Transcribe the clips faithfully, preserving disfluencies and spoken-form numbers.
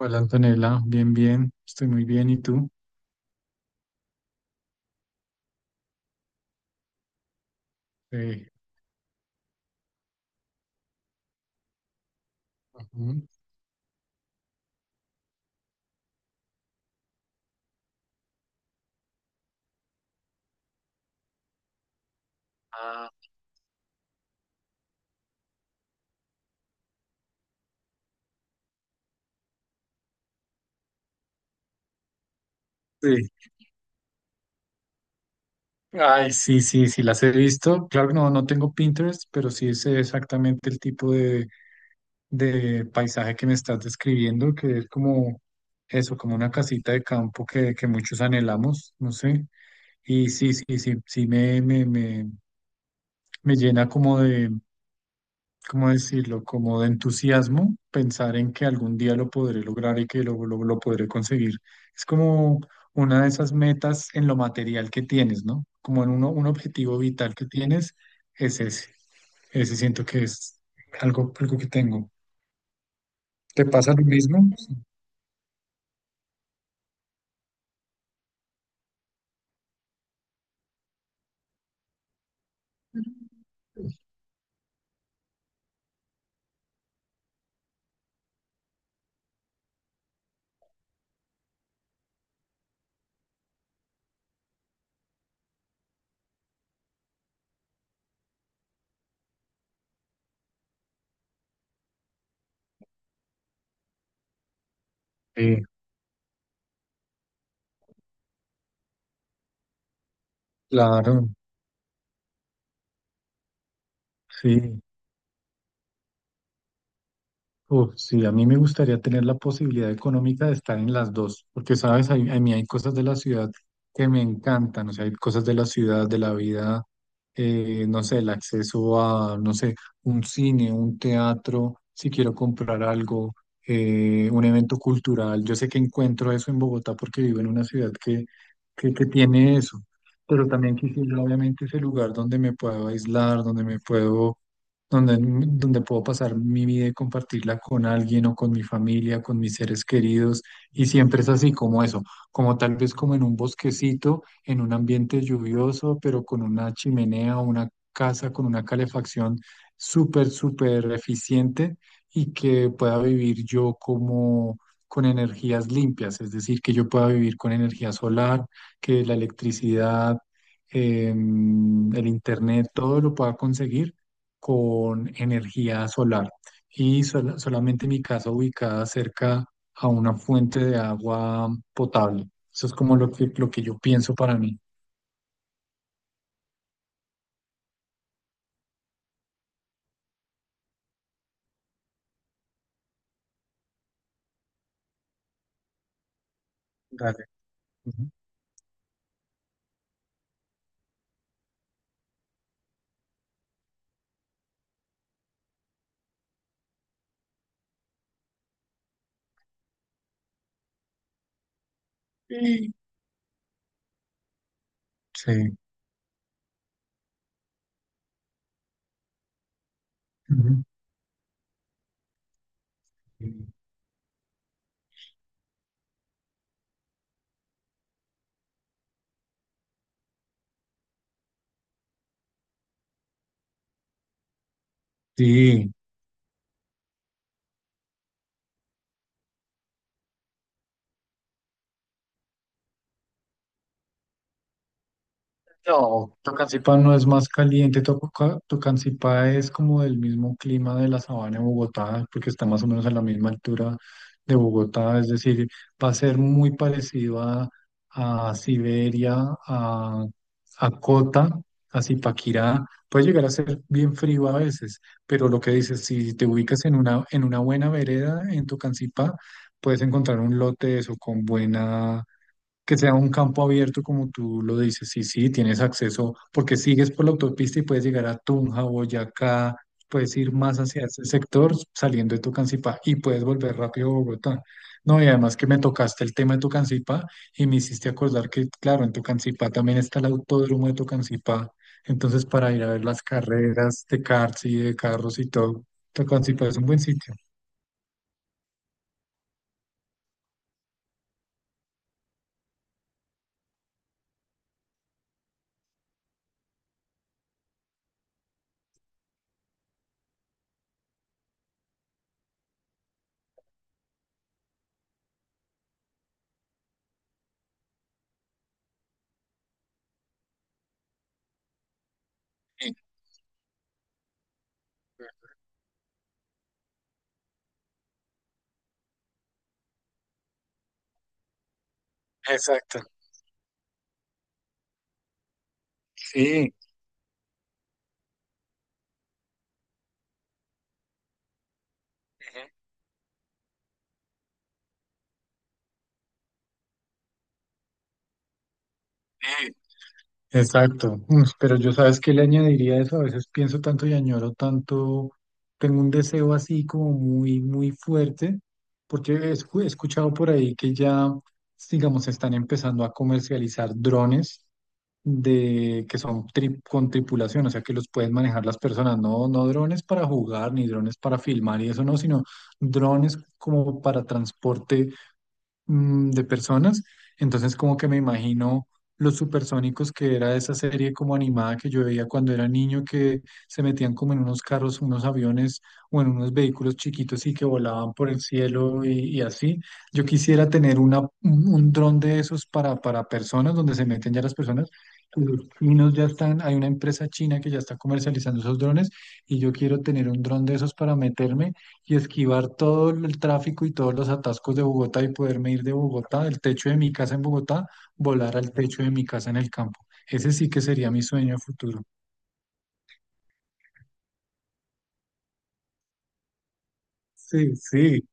Hola Antonella, bien, bien, estoy muy bien, ¿y tú? Sí. Ujú. Ah, sí. Ay, sí, sí, sí, las he visto. Claro que no, no tengo Pinterest, pero sí sé exactamente el tipo de, de paisaje que me estás describiendo, que es como eso, como una casita de campo que, que muchos anhelamos, no sé. Y sí, sí, sí, sí, me, me, me, me llena como de ¿cómo decirlo? Como de entusiasmo, pensar en que algún día lo podré lograr y que lo, lo, lo podré conseguir. Es como una de esas metas en lo material que tienes, ¿no? Como en uno, un objetivo vital que tienes, es ese. Ese siento que es algo, algo que tengo. ¿Te pasa lo mismo? Sí, claro, sí. Uf, sí, a mí me gustaría tener la posibilidad económica de estar en las dos, porque sabes, hay- a mí hay cosas de la ciudad que me encantan, o sea, hay cosas de la ciudad, de la vida, eh, no sé, el acceso a, no sé, un cine, un teatro, si quiero comprar algo, eh, un evento cultural. Yo sé que encuentro eso en Bogotá porque vivo en una ciudad que, que, que tiene eso, pero también quisiera, obviamente, ese lugar donde me puedo aislar, donde me puedo donde, donde puedo pasar mi vida y compartirla con alguien o con mi familia, con mis seres queridos, y siempre es así como eso, como tal vez como en un bosquecito, en un ambiente lluvioso, pero con una chimenea o una casa con una calefacción súper, súper eficiente y que pueda vivir yo como... con energías limpias, es decir, que yo pueda vivir con energía solar, que la electricidad, em, el internet, todo lo pueda conseguir con energía solar y sol- solamente mi casa ubicada cerca a una fuente de agua potable. Eso es como lo que, lo que yo pienso para mí. Dale. Ujú. Mm. Sí. Ujú. Sí. No, Tocancipá no es más caliente, Toca- Tocancipá es como del mismo clima de la sabana de Bogotá, porque está más o menos a la misma altura de Bogotá, es decir, va a ser muy parecido a, a Siberia, a, a Cota, a Zipaquirá, puede llegar a ser bien frío a veces, pero lo que dices, si te ubicas en una, en una buena vereda en Tocancipá, puedes encontrar un lote de eso con buena que sea un campo abierto, como tú lo dices, sí, sí, tienes acceso, porque sigues por la autopista y puedes llegar a Tunja, Boyacá, puedes ir más hacia ese sector saliendo de Tocancipá y puedes volver rápido a Bogotá. No, y además que me tocaste el tema de Tocancipá y me hiciste acordar que, claro, en Tocancipá también está el autódromo de Tocancipá, entonces para ir a ver las carreras de karts y de carros y todo, Tocancipá es un buen sitio. Sí, exacto, sí. Ujú. Exacto. Uf, pero yo sabes que le añadiría a eso, a veces pienso tanto y añoro tanto, tengo un deseo así como muy, muy fuerte, porque he escu- he escuchado por ahí que ya, digamos, se están empezando a comercializar drones de, que son tri- con tripulación, o sea, que los pueden manejar las personas, no, no drones para jugar, ni drones para filmar y eso no, sino drones como para transporte mm, de personas. Entonces como que me imagino Los Supersónicos, que era esa serie como animada que yo veía cuando era niño, que se metían como en unos carros, unos aviones o en unos vehículos chiquitos y que volaban por el cielo y, y así. Yo quisiera tener una, un, un dron de esos para, para personas, donde se meten ya las personas. Los chinos ya están, hay una empresa china que ya está comercializando esos drones y yo quiero tener un dron de esos para meterme y esquivar todo el tráfico y todos los atascos de Bogotá y poderme ir de Bogotá, del techo de mi casa en Bogotá, volar al techo de mi casa en el campo. Ese sí que sería mi sueño a futuro. Sí, sí.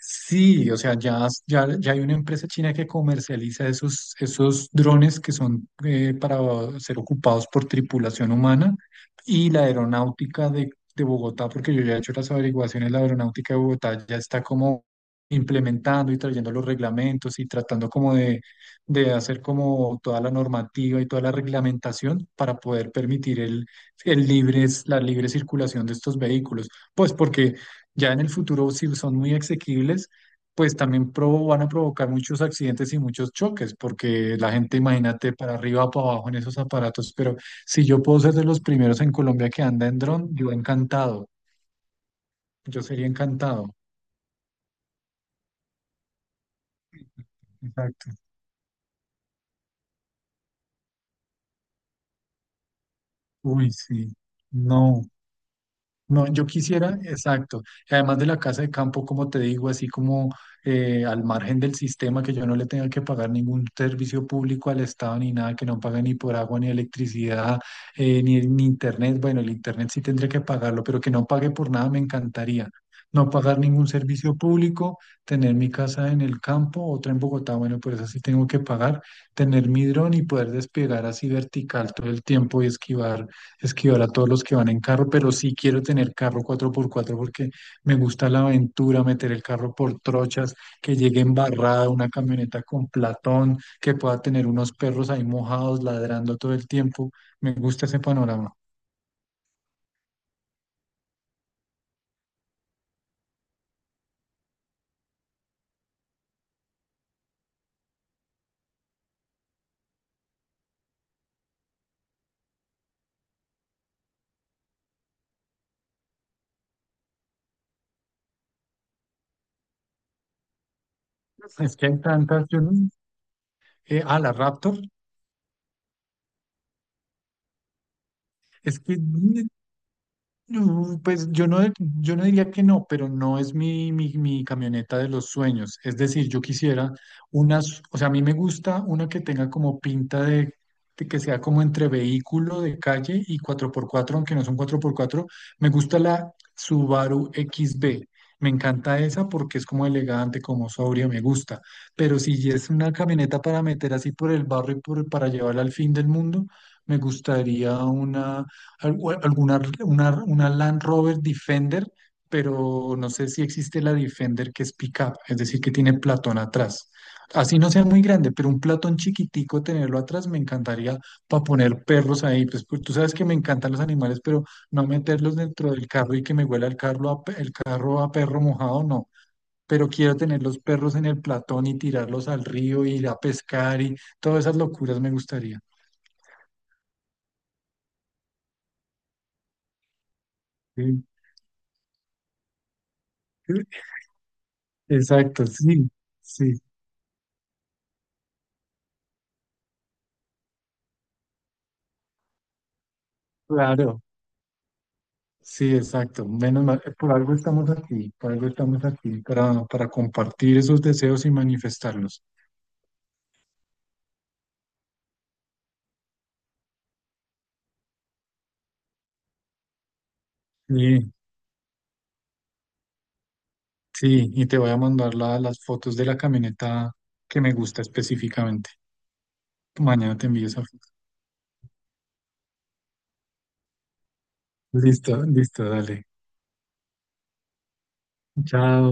Sí, o sea, ya, ya, ya hay una empresa china que comercializa esos, esos drones que son eh, para ser ocupados por tripulación humana y la aeronáutica de, de Bogotá, porque yo ya he hecho las averiguaciones, la aeronáutica de Bogotá ya está como implementando y trayendo los reglamentos y tratando como de, de hacer como toda la normativa y toda la reglamentación para poder permitir el, el libre, la libre circulación de estos vehículos. Pues porque... Ya en el futuro, si son muy asequibles, pues también provo- van a provocar muchos accidentes y muchos choques, porque la gente, imagínate, para arriba o para abajo en esos aparatos, pero si yo puedo ser de los primeros en Colombia que anda en dron, yo encantado, yo sería encantado. Exacto. Uy, sí. No. No, yo quisiera, exacto. Y además de la casa de campo, como te digo, así como eh, al margen del sistema, que yo no le tenga que pagar ningún servicio público al Estado ni nada, que no pague ni por agua, ni electricidad, eh, ni, ni internet. Bueno, el internet sí tendría que pagarlo, pero que no pague por nada me encantaría. No pagar ningún servicio público, tener mi casa en el campo, otra en Bogotá, bueno, por eso sí tengo que pagar, tener mi dron y poder despegar así vertical todo el tiempo y esquivar esquivar a todos los que van en carro, pero sí quiero tener carro cuatro por cuatro porque me gusta la aventura, meter el carro por trochas, que llegue embarrada una camioneta con platón, que pueda tener unos perros ahí mojados ladrando todo el tiempo. Me gusta ese panorama. Es que hay tantas, yo no- eh, ah, la Raptor. Es que mm, Mm, pues yo no, yo no diría que no, pero no es mi, mi, mi camioneta de los sueños. Es decir, yo quisiera unas, o sea, a mí me gusta una que tenga como pinta de, de que sea como entre vehículo de calle y cuatro por cuatro aunque no son cuatro por cuatro. Me gusta la Subaru equis B. Me encanta esa porque es como elegante, como sobria, me gusta. Pero si es una camioneta para meter así por el barrio y por, para llevarla al fin del mundo, me gustaría una algu- alguna una, una Land Rover Defender, pero no sé si existe la Defender que es pickup, es decir, que tiene platón atrás. Así no sea muy grande, pero un platón chiquitico tenerlo atrás me encantaría para poner perros ahí. Pues, pues, tú sabes que me encantan los animales, pero no meterlos dentro del carro y que me huela el carro a, pe- el carro a perro mojado, no, pero quiero tener los perros en el platón y tirarlos al río, ir a pescar y todas esas locuras me gustaría. Sí. Exacto, sí, sí. Claro, sí, exacto. Menos mal, eh, por algo estamos aquí, por algo estamos aquí, para, para compartir esos deseos y manifestarlos. Sí, sí, y te voy a mandar la- las fotos de la camioneta que me gusta específicamente. Mañana te envío esa foto. Listo, listo, dale. Chao.